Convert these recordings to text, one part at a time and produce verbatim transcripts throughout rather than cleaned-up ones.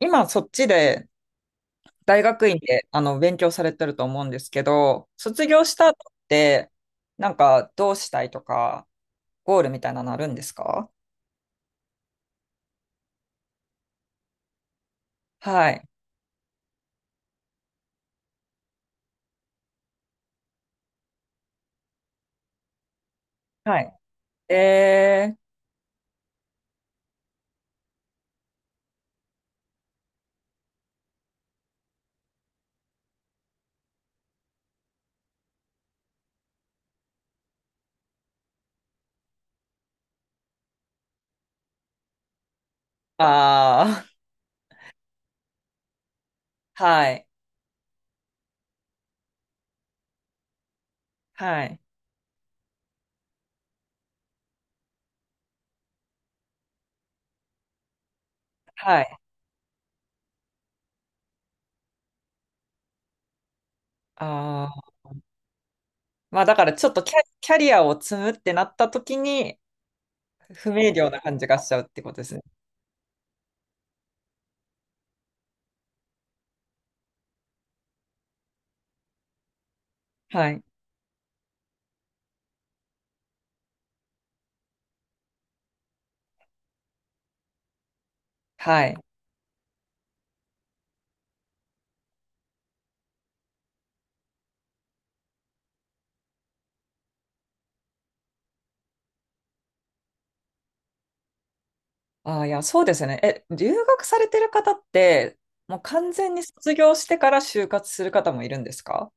今そっちで大学院であの勉強されてると思うんですけど、卒業した後ってなんかどうしたいとか、ゴールみたいなのあるんですか？はい。はい。えー、ああ、はい。はい。はい。ああ、まあだからちょっとキャ、キャリアを積むってなった時に不明瞭な感じがしちゃうってことですね。はい。はい。ああ、いや、そうですね。え、留学されてる方って、もう完全に卒業してから就活する方もいるんですか？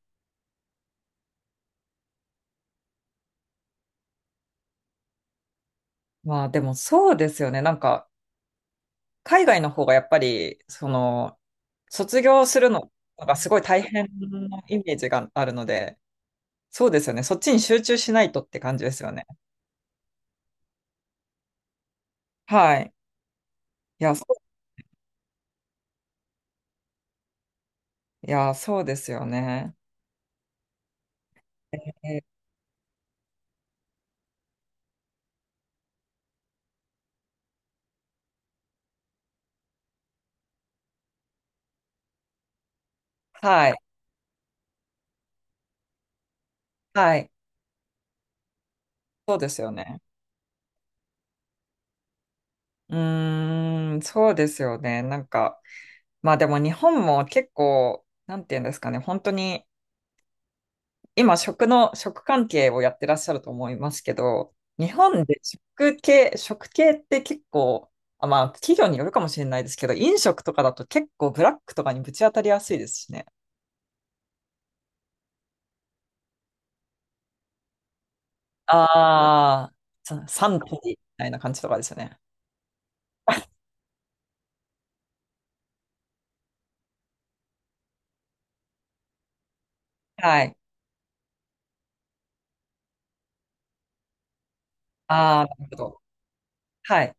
まあでもそうですよね。なんか、海外の方がやっぱり、その、卒業するのがすごい大変なイメージがあるので、そうですよね。そっちに集中しないとって感じですよね。はい。いや、そういや、そうですよね。え、はい。はい。そうですよね。うーん、そうですよね。なんか、まあでも日本も結構、なんていうんですかね、本当に今食の、食関係をやってらっしゃると思いますけど、日本で食系、食系って結構、あ、まあ企業によるかもしれないですけど、飲食とかだと結構ブラックとかにぶち当たりやすいですしね。ああ、そサントリーみたいな感じとかですよね。はい。ああ、なるほど。はい。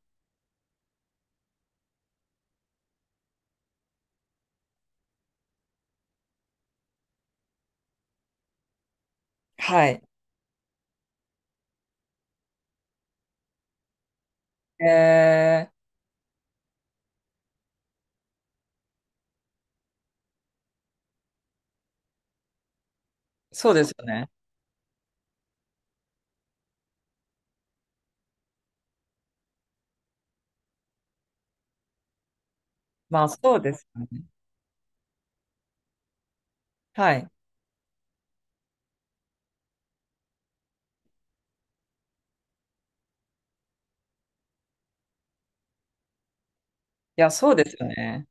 はい。えー、そうですよね。まあそうですよね。はい。いや、そうですよね。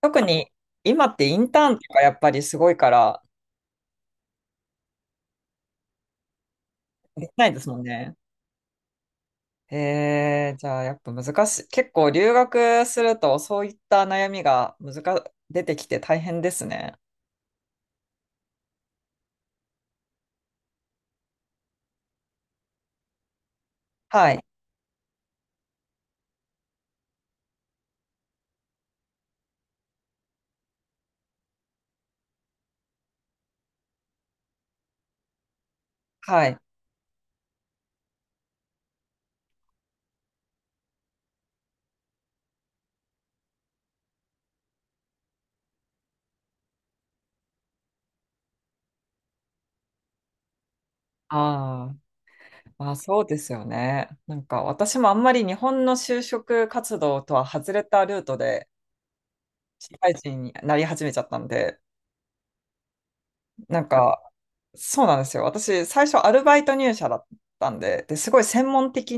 特に今ってインターンとかやっぱりすごいからできないですもんね。へーじゃあやっぱ難しい。結構留学するとそういった悩みが難、出てきて大変ですね。はい。はい。ああ、まあそうですよね。なんか私もあんまり日本の就職活動とは外れたルートで社会人になり始めちゃったんで、なんかそうなんですよ。私最初アルバイト入社だったんで、で、すごい専門的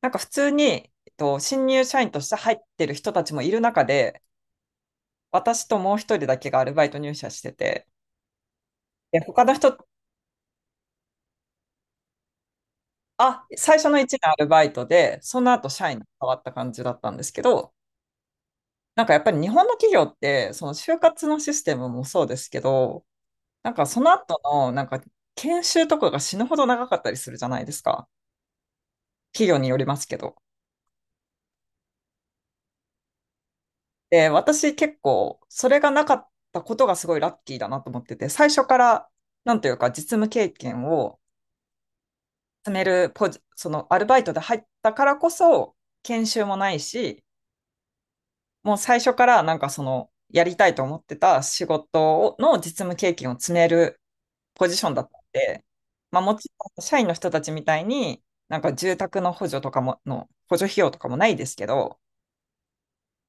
なんか普通に、えっと、新入社員として入ってる人たちもいる中で、私ともう一人だけがアルバイト入社してて、で、他の人、あ、最初のいちねんアルバイトで、その後社員に変わった感じだったんですけど、なんかやっぱり日本の企業って、その就活のシステムもそうですけど、なんかその後の、なんか研修とかが死ぬほど長かったりするじゃないですか。企業によりますけど。で、私結構、それがなかったことがすごいラッキーだなと思ってて、最初から、なんというか、実務経験を積めるポジ、そのアルバイトで入ったからこそ、研修もないし、もう最初からなんかその、やりたいと思ってた仕事をの実務経験を積めるポジションだったんで、まあ、もちろん社員の人たちみたいに、なんか住宅の補助とかも、の補助費用とかもないですけど、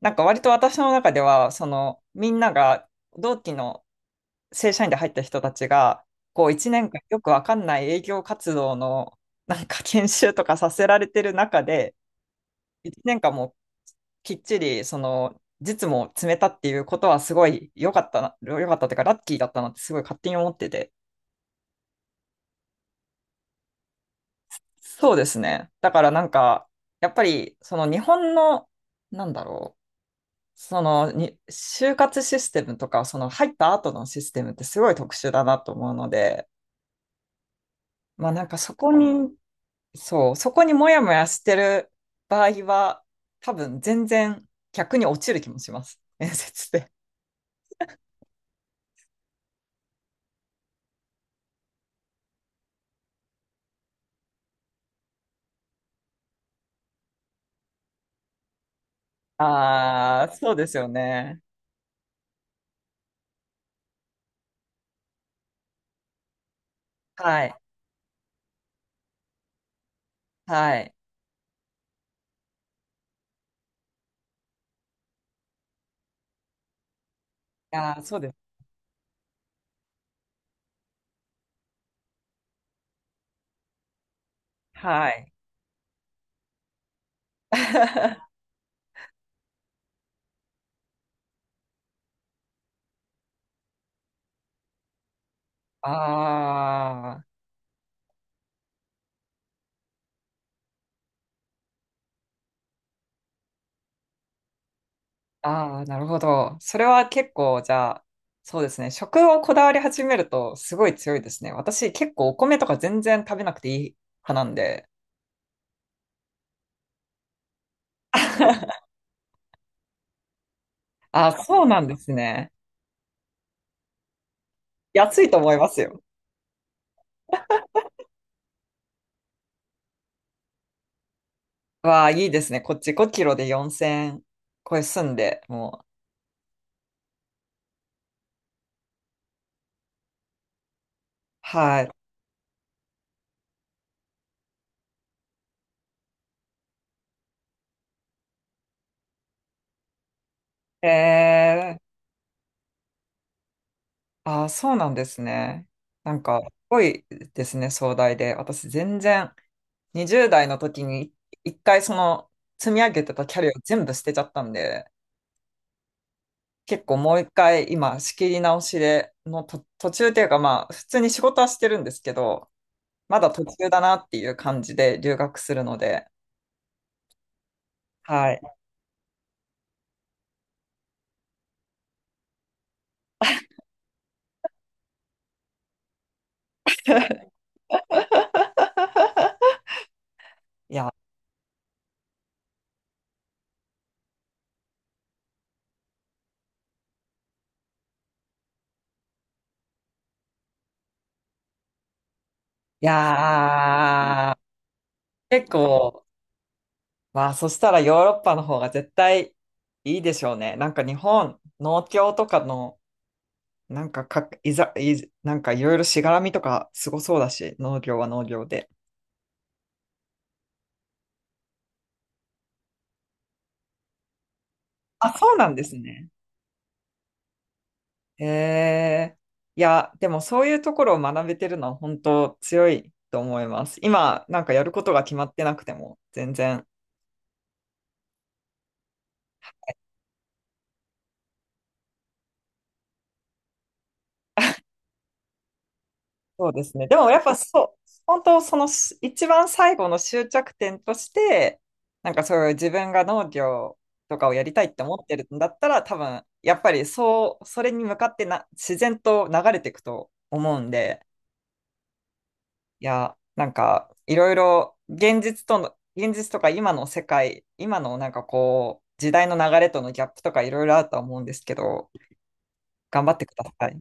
なんか割と私の中では、そのみんなが同期の正社員で入った人たちが、こういちねんかんよくわかんない営業活動のなんか研修とかさせられてる中で、いちねんかんもきっちりその実務を詰めたっていうことはすごい良かったな、良かったっていうかラッキーだったなってすごい勝手に思ってて。そうですね。だからなんか、やっぱりその日本の、なんだろう、そのに就活システムとか、その入った後のシステムってすごい特殊だなと思うので、まあなんかそこにそう、そこにもやもやしてる場合は、多分全然逆に落ちる気もします。面接で。ああ、そうですよね。はい。はい。ああ、そうです。はい。ああ、ああ、なるほど。それは結構、じゃあ、そうですね。食をこだわり始めるとすごい強いですね。私結構お米とか全然食べなくていい派なんで。ああ、そうなんですね。安いと思いますよ。わあ、いいですね。こっちごキロでよんせん超え住んで、もう。はい。えー、あー、そうなんですね。なんか、すごいですね、壮大で。私、全然、にじゅうだい代の時に、一回その、積み上げてたキャリアを全部捨てちゃったんで、結構もう一回、今、仕切り直しで、のと、途中っていうか、まあ、普通に仕事はしてるんですけど、まだ途中だなっていう感じで留学するので、はい。いや、いやー、結構、まあ、そしたらヨーロッパの方が絶対いいでしょうね。なんか日本、農協とかの、なんかか、いざ、いざ、なんかいろいろしがらみとかすごそうだし、農業は農業で。あ、そうなんですね。へえ。いや、でもそういうところを学べてるのは本当強いと思います。今、なんかやることが決まってなくても、全然。そうですね。でもやっぱそう、本当そのし一番最後の終着点として、なんかそういう自分が農業とかをやりたいって思ってるんだったら、多分やっぱりそう、それに向かってな自然と流れていくと思うんで、いや、なんかいろいろ現実との、現実とか今の世界、今のなんかこう、時代の流れとのギャップとかいろいろあるとは思うんですけど、頑張ってください。